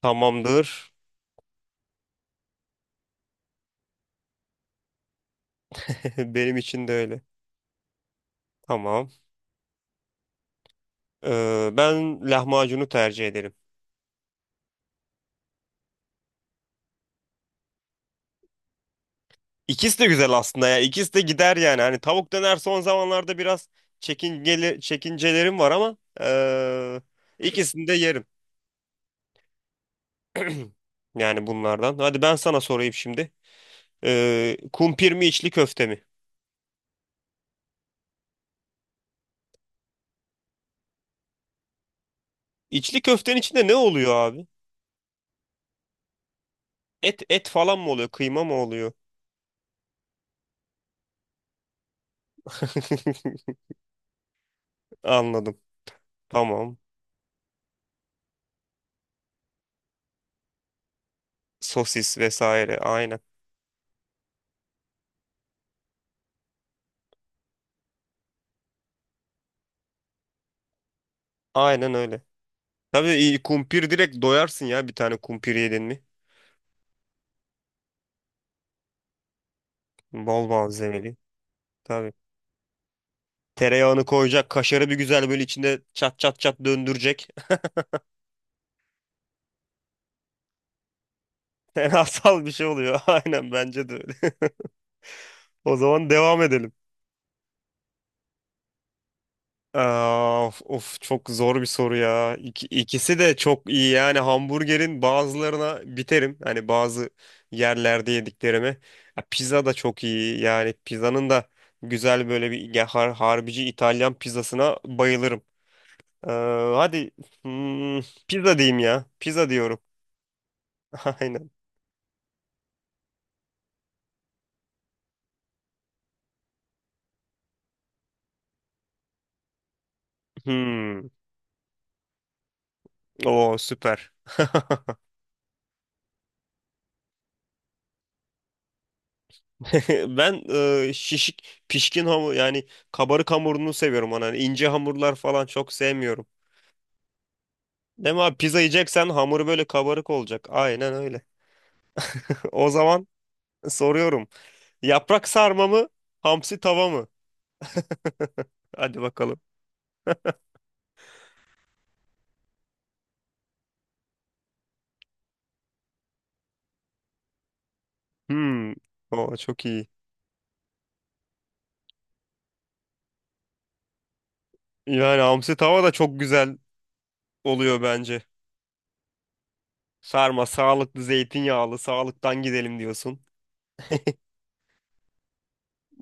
Tamamdır. Benim için de öyle. Tamam. Ben lahmacunu tercih ederim. İkisi de güzel aslında ya. İkisi de gider yani. Hani tavuk döner son zamanlarda biraz çekingeli, çekincelerim var ama ikisini de yerim. Yani bunlardan. Hadi ben sana sorayım şimdi. Kumpir mi, içli köfte mi? İçli köftenin içinde ne oluyor abi? Et falan mı oluyor? Kıyma mı oluyor? Anladım. Tamam. Sosis vesaire. Aynen. Aynen öyle. Tabii iyi kumpir direkt doyarsın ya, bir tane kumpir yedin mi? Bol malzemeli. Tabii. Tereyağını koyacak, kaşarı bir güzel böyle içinde çat çat çat döndürecek. Fenasal bir şey oluyor. Aynen, bence de öyle. O zaman devam edelim. Aa, of, of, çok zor bir soru ya. İkisi de çok iyi yani, hamburgerin bazılarına biterim. Hani bazı yerlerde yediklerime. Ya, pizza da çok iyi yani, pizzanın da güzel böyle bir ya, harbici İtalyan pizzasına bayılırım. Ee, hadi hmm, pizza diyeyim ya. Pizza diyorum. Aynen. Hmm. Oo, süper. Ben pişkin hamur, yani kabarık hamurunu seviyorum ona. Hani ince hamurlar falan çok sevmiyorum. Değil mi abi? Pizza yiyeceksen hamuru böyle kabarık olacak. Aynen öyle. O zaman soruyorum. Yaprak sarma mı? Hamsi tava mı? Hadi bakalım. Hmm. Oo, çok iyi. Yani hamsi tava da çok güzel oluyor bence. Sarma sağlıklı, zeytinyağlı, sağlıktan gidelim diyorsun.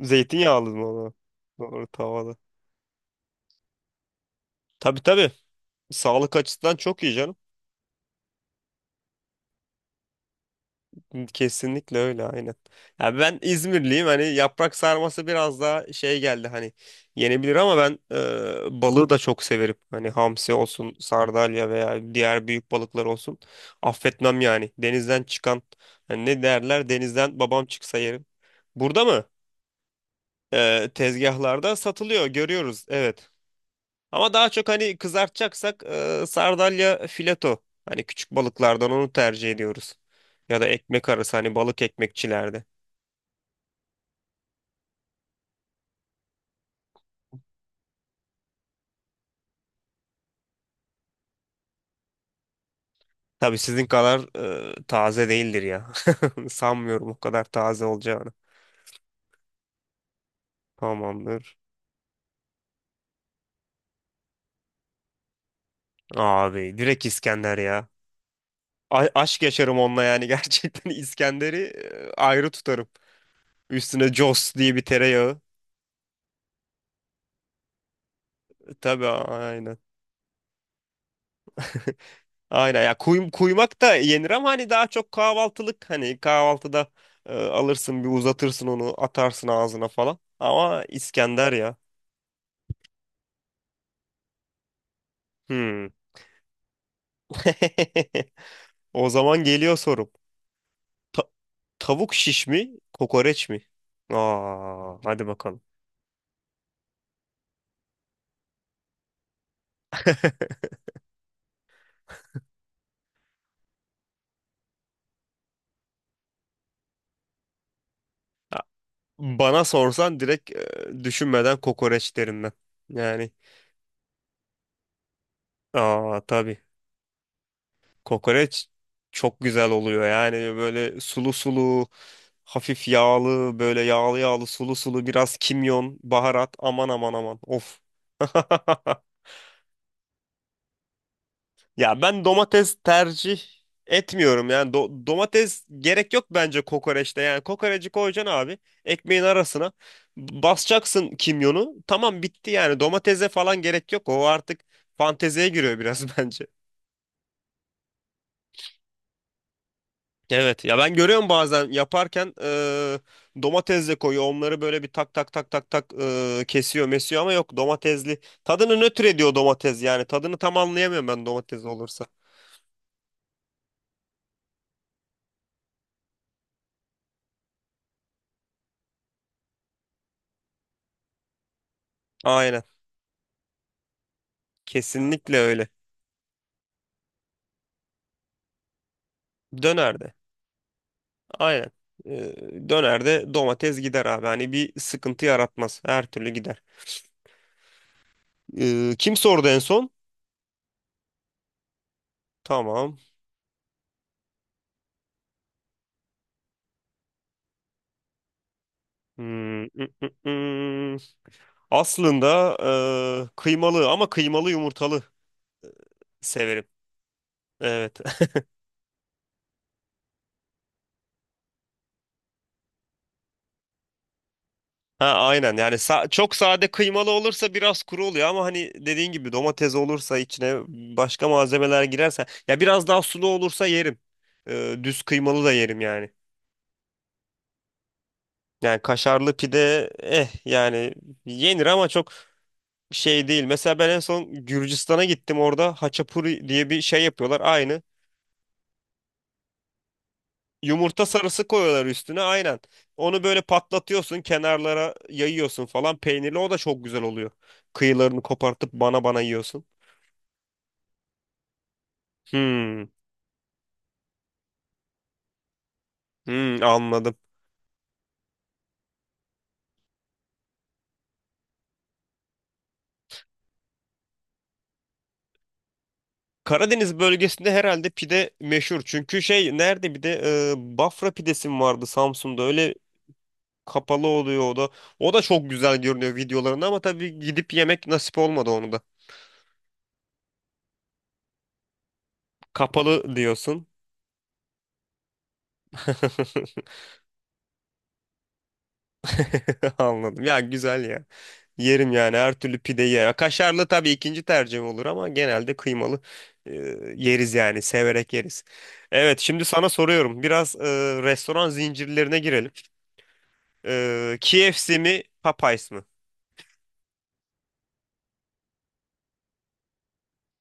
Zeytinyağlı mı o? Da? Doğru, tavada. Tabii tabii. Sağlık açısından çok iyi canım. Kesinlikle öyle, aynen. Ya ben İzmirliyim, hani yaprak sarması biraz daha şey geldi, hani yenebilir ama ben balığı da çok severim. Hani hamsi olsun, sardalya veya diğer büyük balıklar olsun. Affetmem yani. Denizden çıkan, hani ne derler, denizden babam çıksa yerim. Burada mı? Tezgahlarda satılıyor, görüyoruz, evet. Ama daha çok hani kızartacaksak sardalya fileto. Hani küçük balıklardan onu tercih ediyoruz. Ya da ekmek arası, hani balık ekmekçilerde. Tabii sizin kadar taze değildir ya. Sanmıyorum o kadar taze olacağını. Tamamdır. Abi direkt İskender ya. Aşk yaşarım onunla yani gerçekten İskender'i ayrı tutarım. Üstüne Jos diye bir tereyağı. Tabii, aynen. Aynen ya, kuymak da yenir ama hani daha çok kahvaltılık, hani kahvaltıda alırsın, bir uzatırsın, onu atarsın ağzına falan. Ama İskender ya. Hmm. O zaman geliyor sorum. Ta- Tavuk şiş mi, kokoreç mi? Aa, hadi bakalım. Bana sorsan direkt düşünmeden kokoreç derim ben. Yani, aa tabii. Kokoreç çok güzel oluyor yani, böyle sulu sulu, hafif yağlı, böyle yağlı yağlı, sulu sulu, biraz kimyon, baharat. Aman aman aman. Of. Ya ben domates tercih etmiyorum yani. Domates gerek yok bence kokoreçte. Yani kokoreci koyacaksın abi, ekmeğin arasına basacaksın, kimyonu, tamam, bitti. Yani domatese falan gerek yok, o artık fanteziye giriyor biraz bence. Evet ya, ben görüyorum bazen yaparken, domates de koyuyor, onları böyle bir tak tak tak tak tak, kesiyor mesiyor ama yok, domatesli tadını nötr ediyor domates. Yani tadını tam anlayamıyorum ben domates olursa. Aynen, kesinlikle öyle. Dönerde, aynen. Dönerde domates gider abi, hani bir sıkıntı yaratmaz, her türlü gider. Kim sordu en son? Tamam. Hmm, ı, ı, ı. Aslında kıymalı ama kıymalı yumurtalı severim. Evet. Ha, aynen. Yani çok sade kıymalı olursa biraz kuru oluyor ama hani dediğin gibi, domates olursa içine, başka malzemeler girerse, ya biraz daha sulu olursa yerim. Düz kıymalı da yerim yani. Yani kaşarlı pide, eh yani, yenir ama çok şey değil. Mesela ben en son Gürcistan'a gittim, orada haçapuri diye bir şey yapıyorlar aynı. Yumurta sarısı koyuyorlar üstüne, aynen. Onu böyle patlatıyorsun, kenarlara yayıyorsun falan, peynirli, o da çok güzel oluyor. Kıyılarını kopartıp bana bana yiyorsun. Hmm, anladım. Karadeniz bölgesinde herhalde pide meşhur. Çünkü şey nerede, bir de Bafra pidesi mi vardı Samsun'da, öyle kapalı oluyor o da. O da çok güzel görünüyor videolarında ama tabii gidip yemek nasip olmadı onu da. Kapalı diyorsun. Anladım. Ya güzel ya. Yerim yani, her türlü pideyi yerim. Kaşarlı tabii ikinci tercihim olur ama genelde kıymalı e, yeriz yani, severek yeriz. Evet, şimdi sana soruyorum. Biraz restoran zincirlerine girelim. KFC mi, Popeyes mi?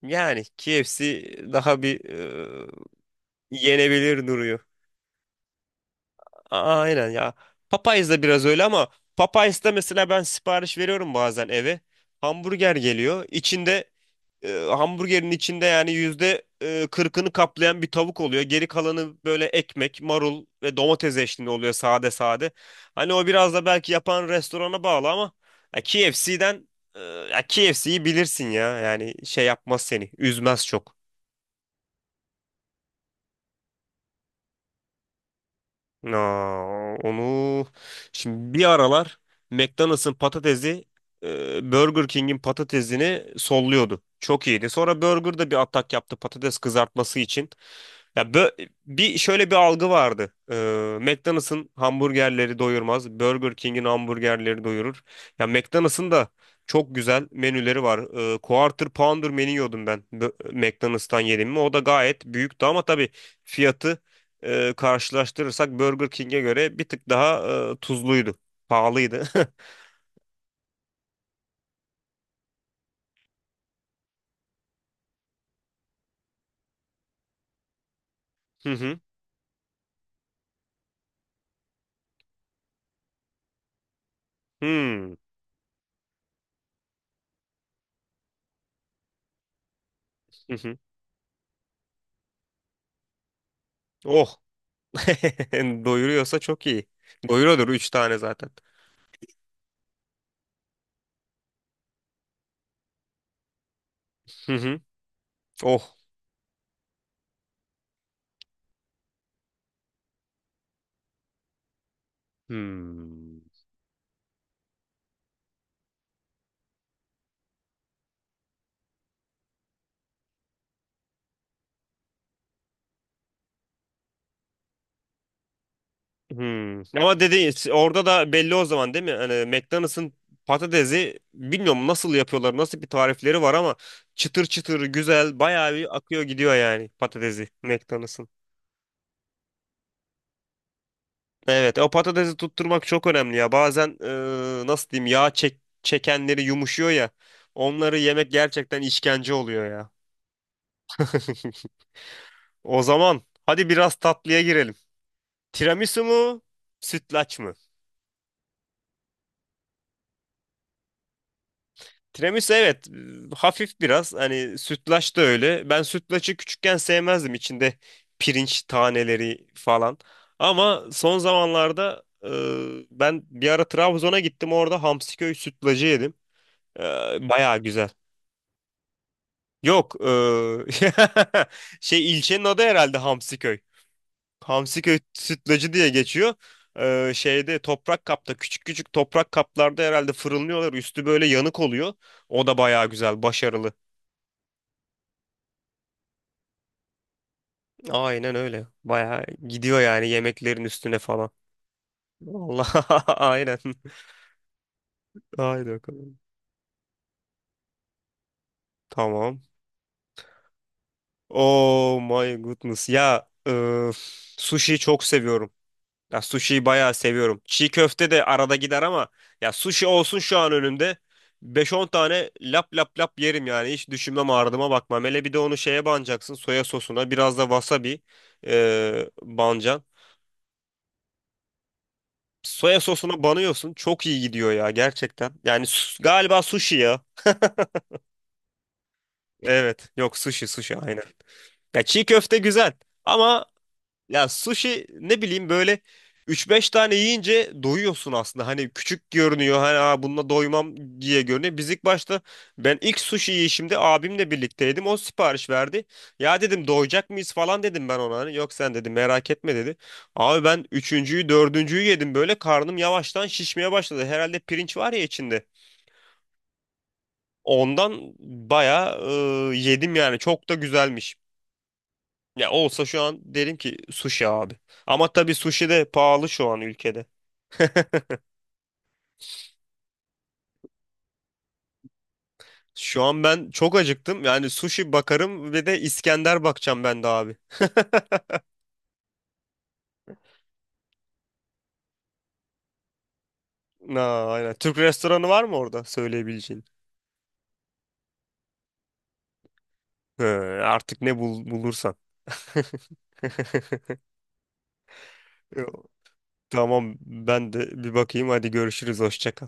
Yani KFC daha bir yenebilir. Aynen ya. Popeyes de biraz öyle ama Popeyes'te mesela ben sipariş veriyorum bazen eve. Hamburger geliyor. İçinde hamburgerin içinde yani yüzde kırkını kaplayan bir tavuk oluyor. Geri kalanı böyle ekmek, marul ve domates eşliğinde oluyor, sade sade. Hani o biraz da belki yapan restorana bağlı ama ya ya KFC'yi bilirsin ya. Yani şey yapmaz seni. Üzmez çok. Aa, onu şimdi bir aralar McDonald's'ın patatesi Burger King'in patatesini solluyordu. Çok iyiydi. Sonra Burger da bir atak yaptı patates kızartması için. Ya bir şöyle bir algı vardı. McDonald's'ın hamburgerleri doyurmaz, Burger King'in hamburgerleri doyurur. Ya McDonald's'ın da çok güzel menüleri var. Quarter Pounder menü yiyordum ben. McDonald's'tan yedim mi? O da gayet büyüktü ama tabii fiyatı karşılaştırırsak Burger King'e göre bir tık daha tuzluydu. Pahalıydı. Hı hı. Hmm. Hı hı. Oh. Doyuruyorsa çok iyi. Doyuruyordur 3 tane zaten. Hı hı. Oh. Hmm. Hmm. Ama dedi orada da belli o zaman, değil mi? Hani McDonald's'ın patatesi, bilmiyorum nasıl yapıyorlar, nasıl bir tarifleri var ama çıtır çıtır güzel, bayağı bir akıyor gidiyor yani patatesi McDonald's. Evet, o patatesi tutturmak çok önemli ya. Bazen nasıl diyeyim, çekenleri yumuşuyor ya. Onları yemek gerçekten işkence oluyor ya. O zaman hadi biraz tatlıya girelim. Tiramisu mu, sütlaç mı? Tiramisu, evet, hafif biraz. Hani sütlaç da öyle. Ben sütlaçı küçükken sevmezdim, içinde pirinç taneleri falan. Ama son zamanlarda ben bir ara Trabzon'a gittim. Orada Hamsiköy sütlacı yedim. E, Bayağı güzeldi. Yok. Şey, ilçenin adı herhalde Hamsiköy. Hamsiköy sütlacı diye geçiyor. Şeyde toprak kapta, küçük küçük toprak kaplarda herhalde fırınlıyorlar. Üstü böyle yanık oluyor. O da bayağı güzel, başarılı. Aynen öyle. Bayağı gidiyor yani yemeklerin üstüne falan. Vallahi aynen. Haydi bakalım. Tamam. Oh my goodness. Ya sushi çok seviyorum. Ya sushi'yi bayağı seviyorum. Çiğ köfte de arada gider ama ya sushi olsun şu an önümde, beş on tane lap lap lap yerim yani. Hiç düşünmem, ardıma bakmam. Hele bir de onu şeye banacaksın. Soya sosuna biraz da wasabi banacaksın. Soya sosuna banıyorsun. Çok iyi gidiyor ya gerçekten. Yani galiba sushi ya. Evet. Yok, sushi, sushi, aynen. Ya çiğ köfte güzel. Ama ya sushi, ne bileyim, böyle üç beş tane yiyince doyuyorsun aslında. Hani küçük görünüyor. Hani, aa, bununla doymam diye görünüyor. Biz ilk başta Ben ilk sushi yiyişimde abimle birlikteydim. O sipariş verdi. Ya dedim doyacak mıyız falan, dedim ben ona. Hani, yok sen, dedim, merak etme, dedi. Abi ben üçüncüyü, dördüncüyü yedim, böyle karnım yavaştan şişmeye başladı. Herhalde pirinç var ya içinde. Ondan bayağı yedim yani. Çok da güzelmiş. Ya olsa şu an derim ki sushi abi. Ama tabii sushi de pahalı şu an ülkede. Şu an ben çok acıktım. Yani sushi bakarım ve de İskender bakacağım ben de abi. Na, aynen. Türk restoranı var mı orada söyleyebileceğin? He, artık ne bul bulursan. Tamam, ben de bir bakayım. Hadi görüşürüz. Hoşça kal.